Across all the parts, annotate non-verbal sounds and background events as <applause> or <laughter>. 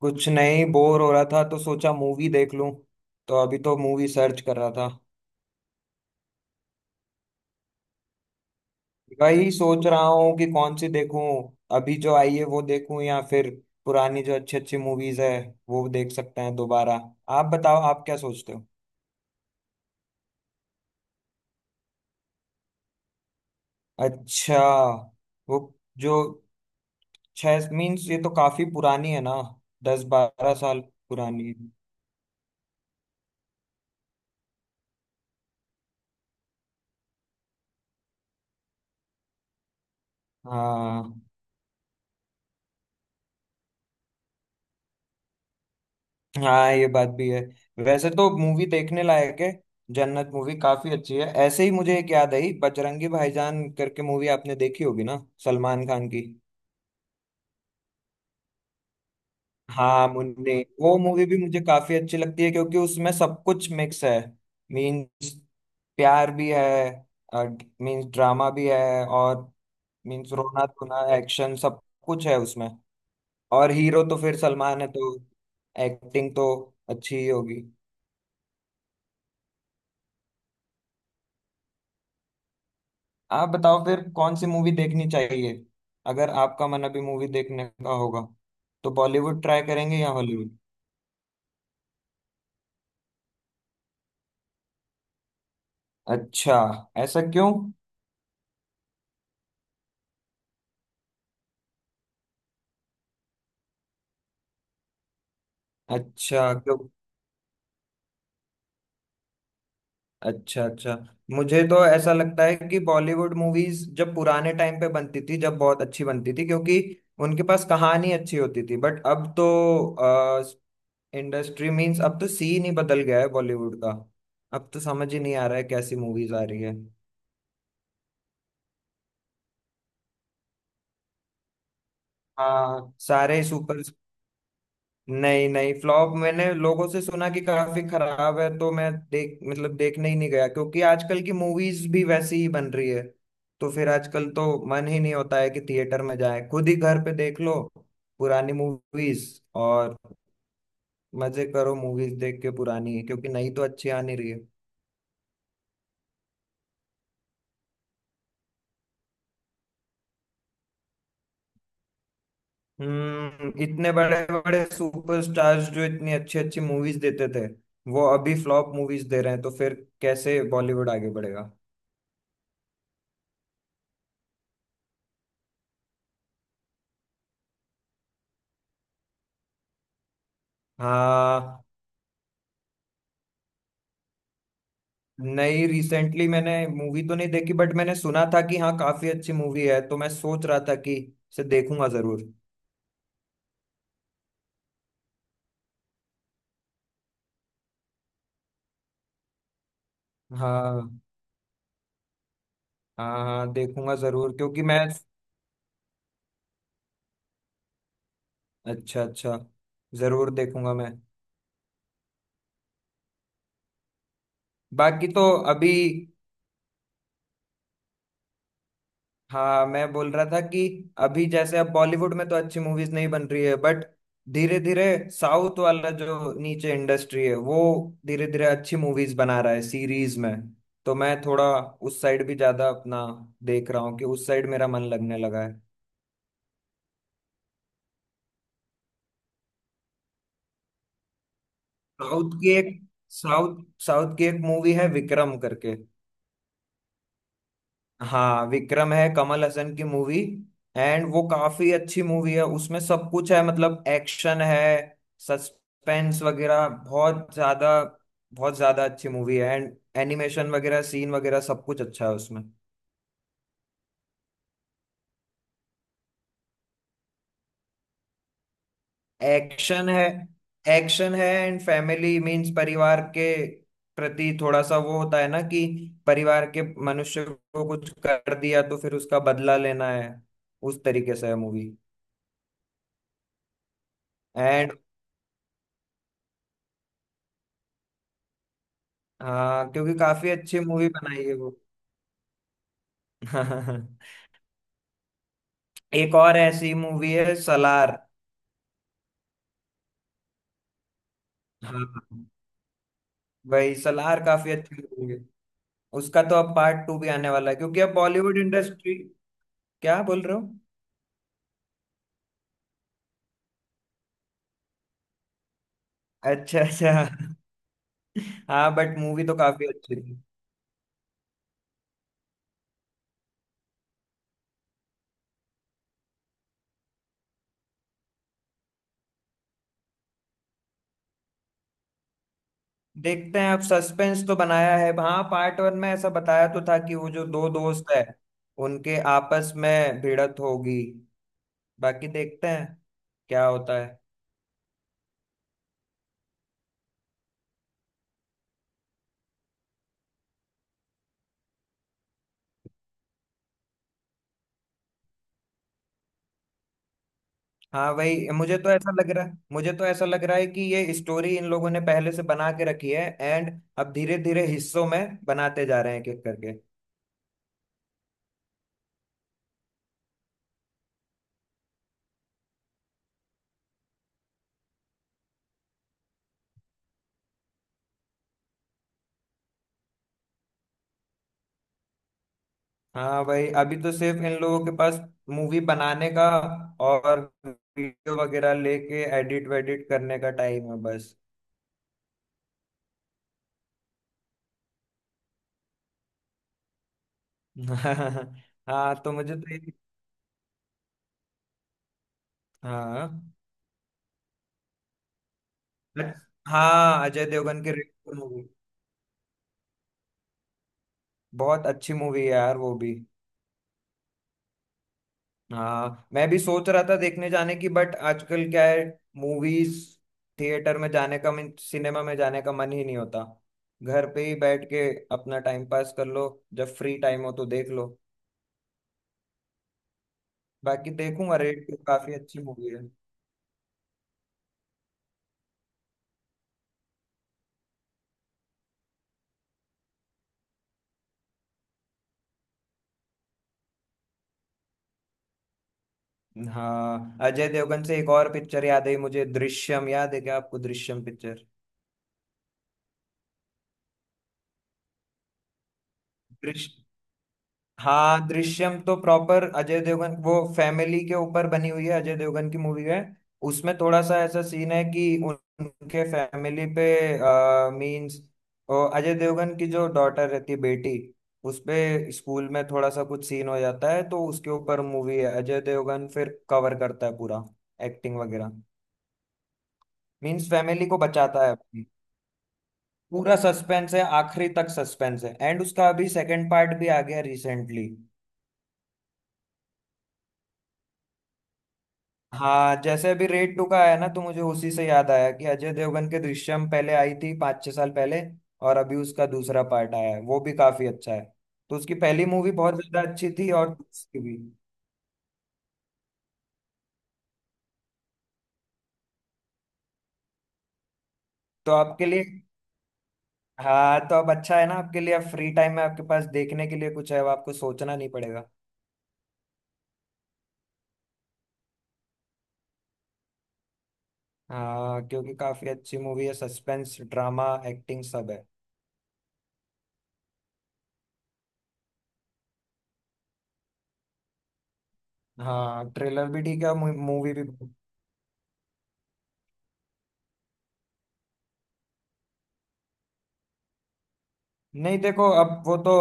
कुछ नहीं, बोर हो रहा था तो सोचा मूवी देख लूं। तो अभी तो मूवी सर्च कर रहा था। वही सोच रहा हूँ कि कौन सी देखूं। अभी जो आई है वो देखूं या फिर पुरानी जो अच्छी अच्छी मूवीज है वो देख सकते हैं दोबारा। आप बताओ, आप क्या सोचते हो? अच्छा, वो जो छह मीन्स ये तो काफी पुरानी है ना, 10-12 साल पुरानी है। हाँ, हाँ, ये बात भी है। वैसे तो मूवी देखने लायक है, जन्नत मूवी काफी अच्छी है। ऐसे ही मुझे एक याद आई, बजरंगी भाईजान करके मूवी आपने देखी होगी ना, सलमान खान की। हाँ, मुन्ने। वो मूवी भी मुझे काफी अच्छी लगती है क्योंकि उसमें सब कुछ मिक्स है। मीन्स प्यार भी है, मीन्स ड्रामा भी है, और मीन्स रोना धोना एक्शन सब कुछ है उसमें। और हीरो तो फिर सलमान है तो एक्टिंग तो अच्छी ही होगी। आप बताओ फिर, कौन सी मूवी देखनी चाहिए? अगर आपका मन अभी मूवी देखने का होगा तो बॉलीवुड ट्राई करेंगे या हॉलीवुड? अच्छा, ऐसा क्यों? अच्छा, क्यों? अच्छा अच्छा। मुझे तो ऐसा लगता है कि बॉलीवुड मूवीज जब पुराने टाइम पे बनती थी, जब बहुत अच्छी बनती थी, क्योंकि उनके पास कहानी अच्छी होती थी। बट अब तो इंडस्ट्री मींस, अब तो सीन ही बदल गया है बॉलीवुड का। अब तो समझ ही नहीं आ रहा है कैसी मूवीज आ रही है। हाँ, सारे सुपर। नहीं नहीं, फ्लॉप, मैंने लोगों से सुना कि काफी खराब है तो मैं देख मतलब देखने ही नहीं गया, क्योंकि आजकल की मूवीज भी वैसी ही बन रही है। तो फिर आजकल तो मन ही नहीं होता है कि थिएटर में जाए, खुद ही घर पे देख लो पुरानी मूवीज, और मजे करो मूवीज देख के पुरानी, क्योंकि नई तो अच्छी आ नहीं रही है। इतने बड़े बड़े सुपरस्टार्स जो इतनी अच्छी अच्छी मूवीज देते थे वो अभी फ्लॉप मूवीज दे रहे हैं, तो फिर कैसे बॉलीवुड आगे बढ़ेगा? हाँ, नहीं, रिसेंटली मैंने मूवी तो नहीं देखी बट मैंने सुना था कि हाँ काफी अच्छी मूवी है, तो मैं सोच रहा था कि इसे देखूंगा जरूर। हाँ हाँ हाँ, देखूंगा जरूर क्योंकि मैं, अच्छा अच्छा, जरूर देखूंगा मैं। बाकी तो अभी, हाँ मैं बोल रहा था कि अभी जैसे अब बॉलीवुड में तो अच्छी मूवीज नहीं बन रही है, बट धीरे धीरे साउथ वाला जो नीचे इंडस्ट्री है वो धीरे धीरे अच्छी मूवीज बना रहा है सीरीज में। तो मैं थोड़ा उस साइड भी ज्यादा अपना देख रहा हूँ कि उस साइड मेरा मन लगने लगा है। साउथ की एक साउथ साउथ की एक मूवी है विक्रम करके। हाँ, विक्रम है, कमल हसन की मूवी। एंड वो काफी अच्छी मूवी है, उसमें सब कुछ है, मतलब एक्शन है, सस्पेंस वगैरह बहुत ज्यादा, बहुत ज्यादा अच्छी मूवी है। एंड एनिमेशन वगैरह, सीन वगैरह सब कुछ अच्छा है उसमें। एक्शन है, एक्शन है एंड फैमिली मीन्स परिवार के प्रति थोड़ा सा वो होता है ना कि परिवार के मनुष्य को कुछ कर दिया तो फिर उसका बदला लेना है। उस तरीके से है मूवी। एंड हाँ, क्योंकि काफी अच्छी मूवी बनाई है वो। <laughs> एक और ऐसी मूवी है, सलार। हाँ, वही सलार काफी अच्छी मूवी है। उसका तो अब पार्ट टू भी आने वाला है, क्योंकि अब बॉलीवुड इंडस्ट्री, क्या बोल रहे हो? अच्छा अच्छा। <laughs> हाँ, बट मूवी तो काफी अच्छी थी। देखते हैं अब, सस्पेंस तो बनाया है। हाँ, पार्ट वन में ऐसा बताया तो था कि वो जो दो दोस्त है उनके आपस में भिड़त होगी। बाकी देखते हैं क्या होता है। हाँ भाई, मुझे तो ऐसा लग रहा है, मुझे तो ऐसा लग रहा है कि ये स्टोरी इन लोगों ने पहले से बना के रखी है, एंड अब धीरे धीरे हिस्सों में बनाते जा रहे हैं एक एक करके। हाँ भाई, अभी तो सिर्फ इन लोगों के पास मूवी बनाने का और वीडियो वगैरह लेके एडिट वेडिट करने का टाइम है बस। <laughs> हाँ, तो मुझे तो ये, हाँ, हाँ अजय देवगन की रेड मूवी, बहुत अच्छी मूवी है यार वो भी। हाँ मैं भी सोच रहा था देखने जाने की, बट आजकल क्या है, मूवीज थिएटर में जाने का मन, सिनेमा में जाने का मन ही नहीं होता, घर पे ही बैठ के अपना टाइम पास कर लो, जब फ्री टाइम हो तो देख लो। बाकी देखूंगा, रेड टू काफी अच्छी मूवी है। हाँ, अजय देवगन से एक और पिक्चर याद है मुझे, दृश्यम, याद है क्या आपको दृश्यम पिक्चर? हाँ, दृश्यम तो प्रॉपर अजय देवगन, वो फैमिली के ऊपर बनी हुई है, अजय देवगन की मूवी है। उसमें थोड़ा सा ऐसा सीन है कि उनके फैमिली पे मींस अजय देवगन की जो डॉटर रहती है, बेटी, उस पे स्कूल में थोड़ा सा कुछ सीन हो जाता है तो उसके ऊपर मूवी है। अजय देवगन फिर कवर करता है पूरा, एक्टिंग वगैरह, मींस फैमिली को बचाता है अपनी। पूरा सस्पेंस है, आखिरी तक सस्पेंस है, एंड उसका अभी सेकंड पार्ट भी आ गया रिसेंटली। हाँ, जैसे अभी रेड टू का आया ना, तो मुझे उसी से याद आया कि अजय देवगन के दृश्यम पहले आई थी 5-6 साल पहले, और अभी उसका दूसरा पार्ट आया है, वो भी काफी अच्छा है। तो उसकी पहली मूवी बहुत ज्यादा अच्छी थी और दूसरी भी। तो आपके लिए, हाँ, तो अब अच्छा है ना, आपके लिए फ्री टाइम में आपके पास देखने के लिए कुछ है, अब आपको सोचना नहीं पड़ेगा। हाँ क्योंकि काफी अच्छी मूवी है, सस्पेंस, ड्रामा, एक्टिंग, सब है। हाँ, ट्रेलर भी ठीक है, मूवी भी। नहीं देखो, अब वो तो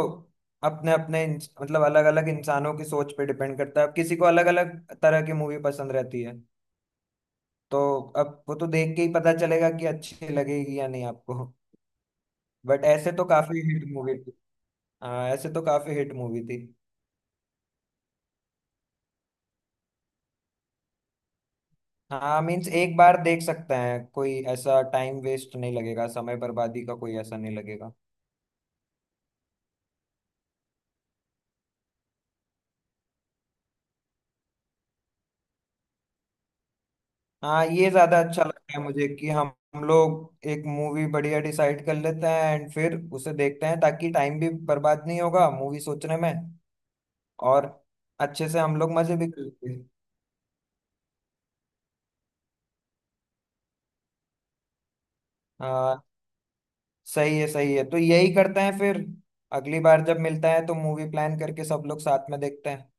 अपने अपने मतलब अलग अलग इंसानों की सोच पे डिपेंड करता है, अब किसी को अलग अलग तरह की मूवी पसंद रहती है, तो अब वो तो देख के ही पता चलेगा कि अच्छी लगेगी या नहीं आपको। बट ऐसे तो काफी हिट मूवी थी। हाँ, ऐसे तो काफी हिट मूवी थी। हाँ मीन्स एक बार देख सकते हैं, कोई ऐसा टाइम वेस्ट नहीं लगेगा, समय बर्बादी का कोई ऐसा नहीं लगेगा। हाँ, ये ज्यादा अच्छा लगता है मुझे कि हम लोग एक मूवी बढ़िया डिसाइड कर लेते हैं एंड फिर उसे देखते हैं, ताकि टाइम भी बर्बाद नहीं होगा मूवी सोचने में, और अच्छे से हम लोग मजे भी कर लेंगे। हाँ, सही है सही है, तो यही करते हैं फिर। अगली बार जब मिलता है तो मूवी प्लान करके सब लोग साथ में देखते हैं।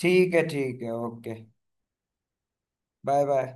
ठीक है ठीक है, ओके। Bye bye.